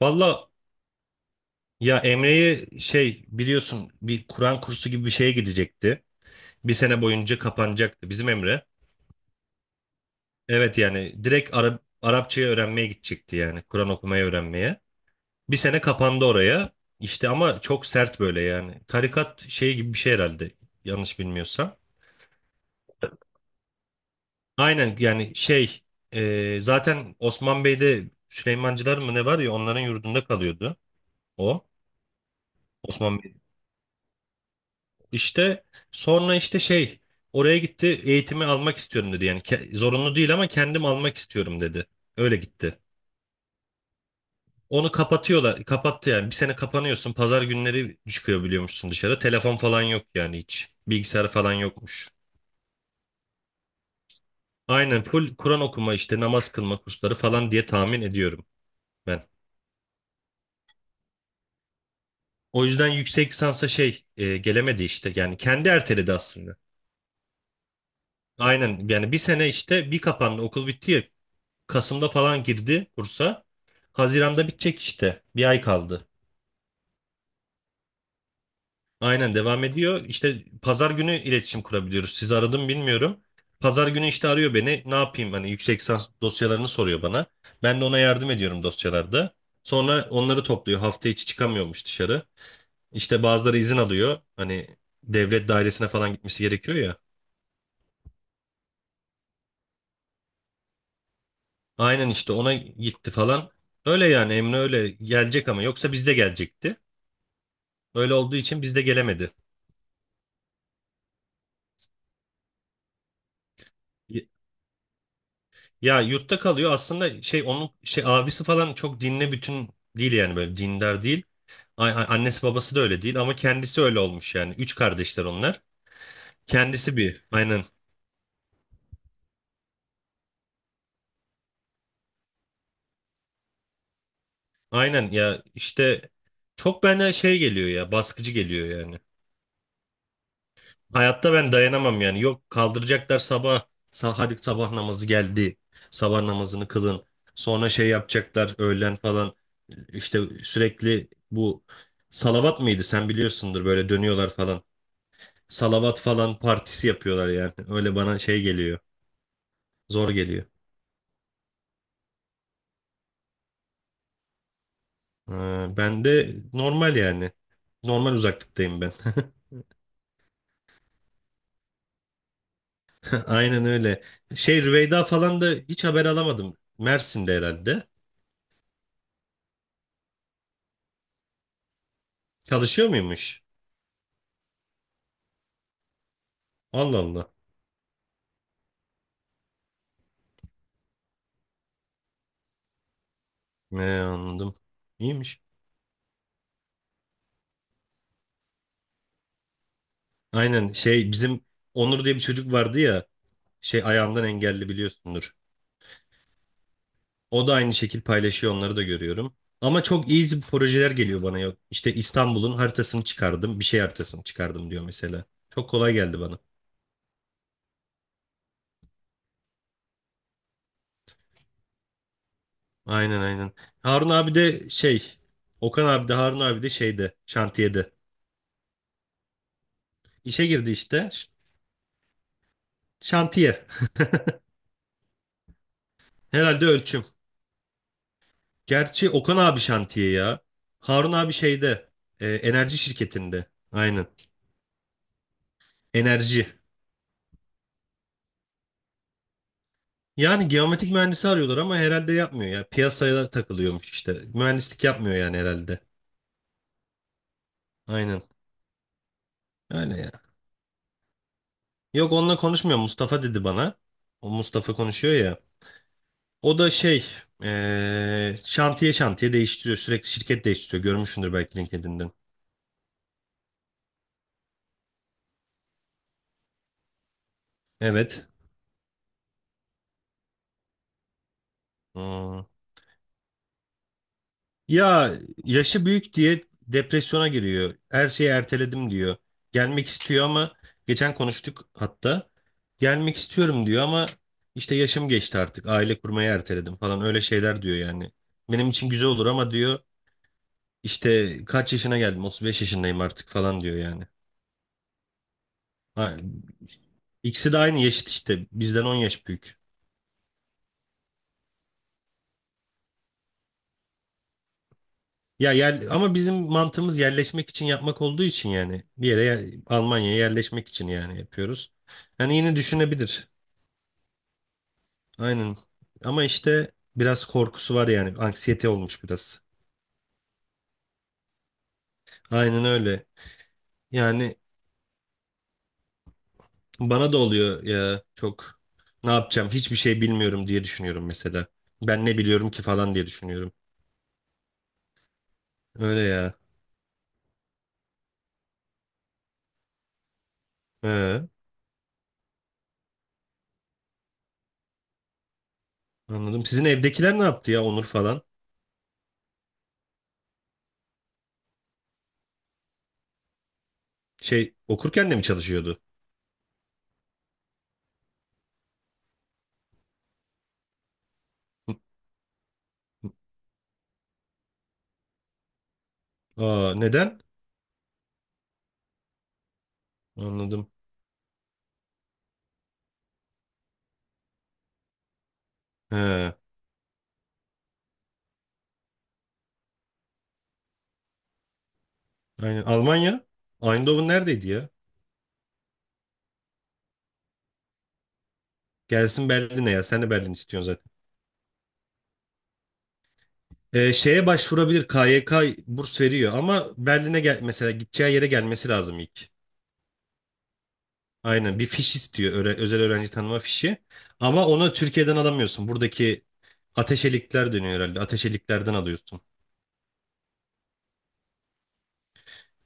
Valla ya, Emre'yi şey biliyorsun, bir Kur'an kursu gibi bir şeye gidecekti. Bir sene boyunca kapanacaktı bizim Emre. Evet yani direkt Arapçayı öğrenmeye gidecekti yani Kur'an okumayı öğrenmeye. Bir sene kapandı oraya. İşte ama çok sert böyle yani. Tarikat şey gibi bir şey herhalde yanlış bilmiyorsam. Aynen yani şey, zaten Osman Bey'de Süleymancılar mı ne var ya onların yurdunda kalıyordu o. Osman İşte sonra işte şey oraya gitti, eğitimi almak istiyorum dedi. Yani zorunlu değil ama kendim almak istiyorum dedi. Öyle gitti. Onu kapatıyorlar. Kapattı yani. Bir sene kapanıyorsun. Pazar günleri çıkıyor biliyormuşsun dışarı. Telefon falan yok yani hiç. Bilgisayar falan yokmuş. Aynen full Kur'an okuma işte, namaz kılma kursları falan diye tahmin ediyorum ben. O yüzden yüksek lisansa şey, gelemedi işte. Yani kendi erteledi aslında. Aynen yani bir sene işte, bir kapandı okul bitti ya, Kasım'da falan girdi kursa. Haziran'da bitecek işte. Bir ay kaldı. Aynen devam ediyor. İşte pazar günü iletişim kurabiliyoruz. Sizi aradım bilmiyorum. Pazar günü işte arıyor beni. Ne yapayım? Hani yüksek lisans dosyalarını soruyor bana. Ben de ona yardım ediyorum dosyalarda. Sonra onları topluyor. Hafta içi çıkamıyormuş dışarı. İşte bazıları izin alıyor. Hani devlet dairesine falan gitmesi gerekiyor ya. Aynen işte, ona gitti falan. Öyle yani, Emre öyle gelecek ama yoksa bizde gelecekti. Öyle olduğu için bizde gelemedi. Ya yurtta kalıyor aslında, şey onun şey abisi falan çok dinle bütün değil yani, böyle dindar değil. Annesi babası da öyle değil ama kendisi öyle olmuş yani. Üç kardeşler onlar. Kendisi aynen, aynen ya işte, çok bana şey geliyor ya, baskıcı geliyor yani. Hayatta ben dayanamam yani. Yok, kaldıracaklar sabah, hadi sabah namazı geldi, sabah namazını kılın, sonra şey yapacaklar öğlen falan, işte sürekli bu salavat mıydı sen biliyorsundur, böyle dönüyorlar falan. Salavat falan partisi yapıyorlar yani. Öyle bana şey geliyor. Zor geliyor. Ben de normal yani. Normal uzaklıktayım ben. Aynen öyle. Şey Rüveyda falan da hiç haber alamadım. Mersin'de herhalde. Çalışıyor muymuş? Allah Allah. Ne anladım. İyiymiş. Aynen şey, bizim Onur diye bir çocuk vardı ya. Şey, ayağından engelli biliyorsundur. O da aynı şekil paylaşıyor, onları da görüyorum. Ama çok easy projeler geliyor bana, yok. İşte İstanbul'un haritasını çıkardım, bir şey haritasını çıkardım diyor mesela. Çok kolay geldi bana. Aynen, aynen. Harun abi de şey, Okan abi de Harun abi de şeyde, şantiyede. İşe girdi işte. Şantiye. Herhalde ölçüm. Gerçi Okan abi şantiye ya. Harun abi şeyde, enerji şirketinde. Aynen. Enerji. Yani geometrik mühendisi arıyorlar ama herhalde yapmıyor ya. Piyasaya takılıyormuş işte. Mühendislik yapmıyor yani herhalde. Aynen. Öyle ya. Yok, onunla konuşmuyor. Mustafa dedi bana. O Mustafa konuşuyor ya. O da şey, şantiye şantiye değiştiriyor. Sürekli şirket değiştiriyor. Görmüşsündür belki LinkedIn'den. Evet. Hmm. Ya, yaşı büyük diye depresyona giriyor. Her şeyi erteledim diyor. Gelmek istiyor ama, geçen konuştuk hatta. Gelmek istiyorum diyor ama işte yaşım geçti artık. Aile kurmayı erteledim falan, öyle şeyler diyor yani. Benim için güzel olur ama diyor, işte kaç yaşına geldim? 35 yaşındayım artık falan diyor yani. Ha, İkisi de aynı yaşıt işte. Bizden 10 yaş büyük. Ya, ama bizim mantığımız yerleşmek için yapmak olduğu için yani, bir yere Almanya'ya yerleşmek için yani yapıyoruz. Yani yine düşünebilir. Aynen. Ama işte biraz korkusu var yani. Anksiyete olmuş biraz. Aynen öyle. Yani bana da oluyor ya, çok ne yapacağım hiçbir şey bilmiyorum diye düşünüyorum mesela. Ben ne biliyorum ki falan diye düşünüyorum. Öyle ya. He, anladım. Sizin evdekiler ne yaptı ya, Onur falan? Şey, okurken de mi çalışıyordu? Aa, neden? Anladım. He. Aynen. Almanya. Eindhoven neredeydi ya? Gelsin Berlin'e ya. Sen de Berlin istiyorsun zaten. Şeye başvurabilir. KYK burs veriyor ama, Berlin'e gel mesela, gideceği yere gelmesi lazım ilk. Aynen, bir fiş istiyor. Özel öğrenci tanıma fişi. Ama onu Türkiye'den alamıyorsun. Buradaki ateşelikler dönüyor herhalde. Ateşeliklerden alıyorsun.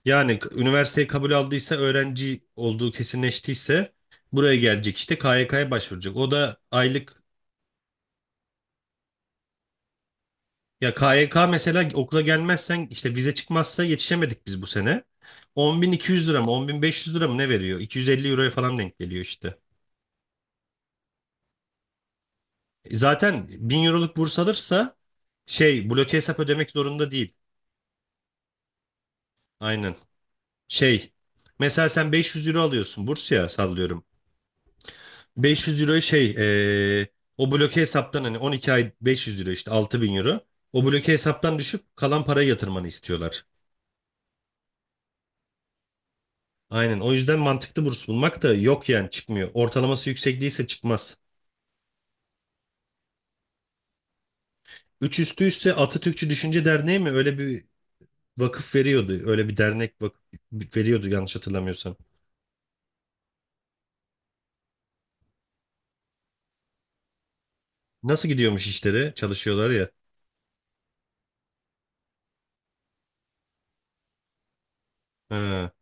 Yani üniversiteye kabul aldıysa, öğrenci olduğu kesinleştiyse buraya gelecek işte, KYK'ya başvuracak. O da aylık. Ya KYK mesela, okula gelmezsen işte, vize çıkmazsa yetişemedik biz bu sene. 10.200 lira mı 10.500 lira mı ne veriyor? 250 euroya falan denk geliyor işte. Zaten 1.000 euroluk burs alırsa şey, bloke hesap ödemek zorunda değil. Aynen. Şey, mesela sen 500 euro alıyorsun burs ya, sallıyorum. 500 euroyu şey, o bloke hesaptan hani 12 ay 500 euro işte 6.000 euro. O bloke hesaptan düşüp kalan parayı yatırmanı istiyorlar. Aynen. O yüzden mantıklı burs bulmak da yok yani, çıkmıyor. Ortalaması yüksek değilse çıkmaz. Üç üstüyse Atatürkçü Düşünce Derneği mi? Öyle bir vakıf veriyordu. Öyle bir dernek vakıf veriyordu yanlış hatırlamıyorsam. Nasıl gidiyormuş işleri? Çalışıyorlar ya. Ha,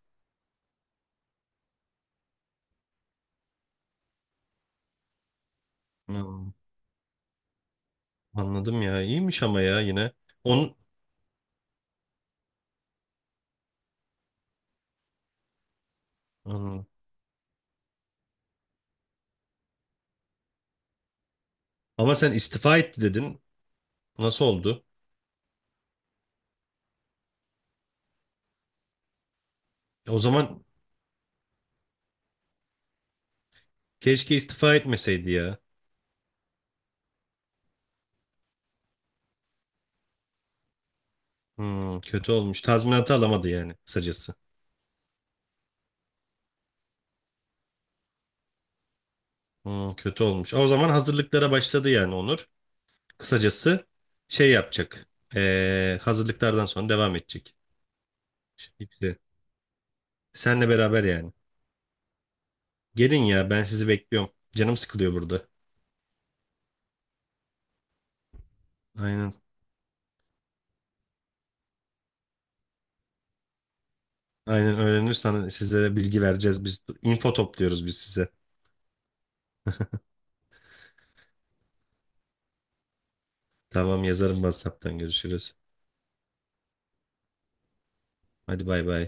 hmm, anladım ya. İyiymiş ama, ya yine. Onun, hmm. Ama sen istifa etti dedin. Nasıl oldu? O zaman keşke istifa etmeseydi ya. Hmm, kötü olmuş. Tazminatı alamadı yani kısacası. Hmm, kötü olmuş. O zaman hazırlıklara başladı yani Onur. Kısacası şey yapacak. Hazırlıklardan sonra devam edecek. Şimdi senle beraber yani. Gelin ya, ben sizi bekliyorum. Canım sıkılıyor burada. Aynen. Aynen, öğrenirsen sizlere bilgi vereceğiz. Biz info topluyoruz biz, size. Tamam, yazarım WhatsApp'tan görüşürüz. Hadi bay bay.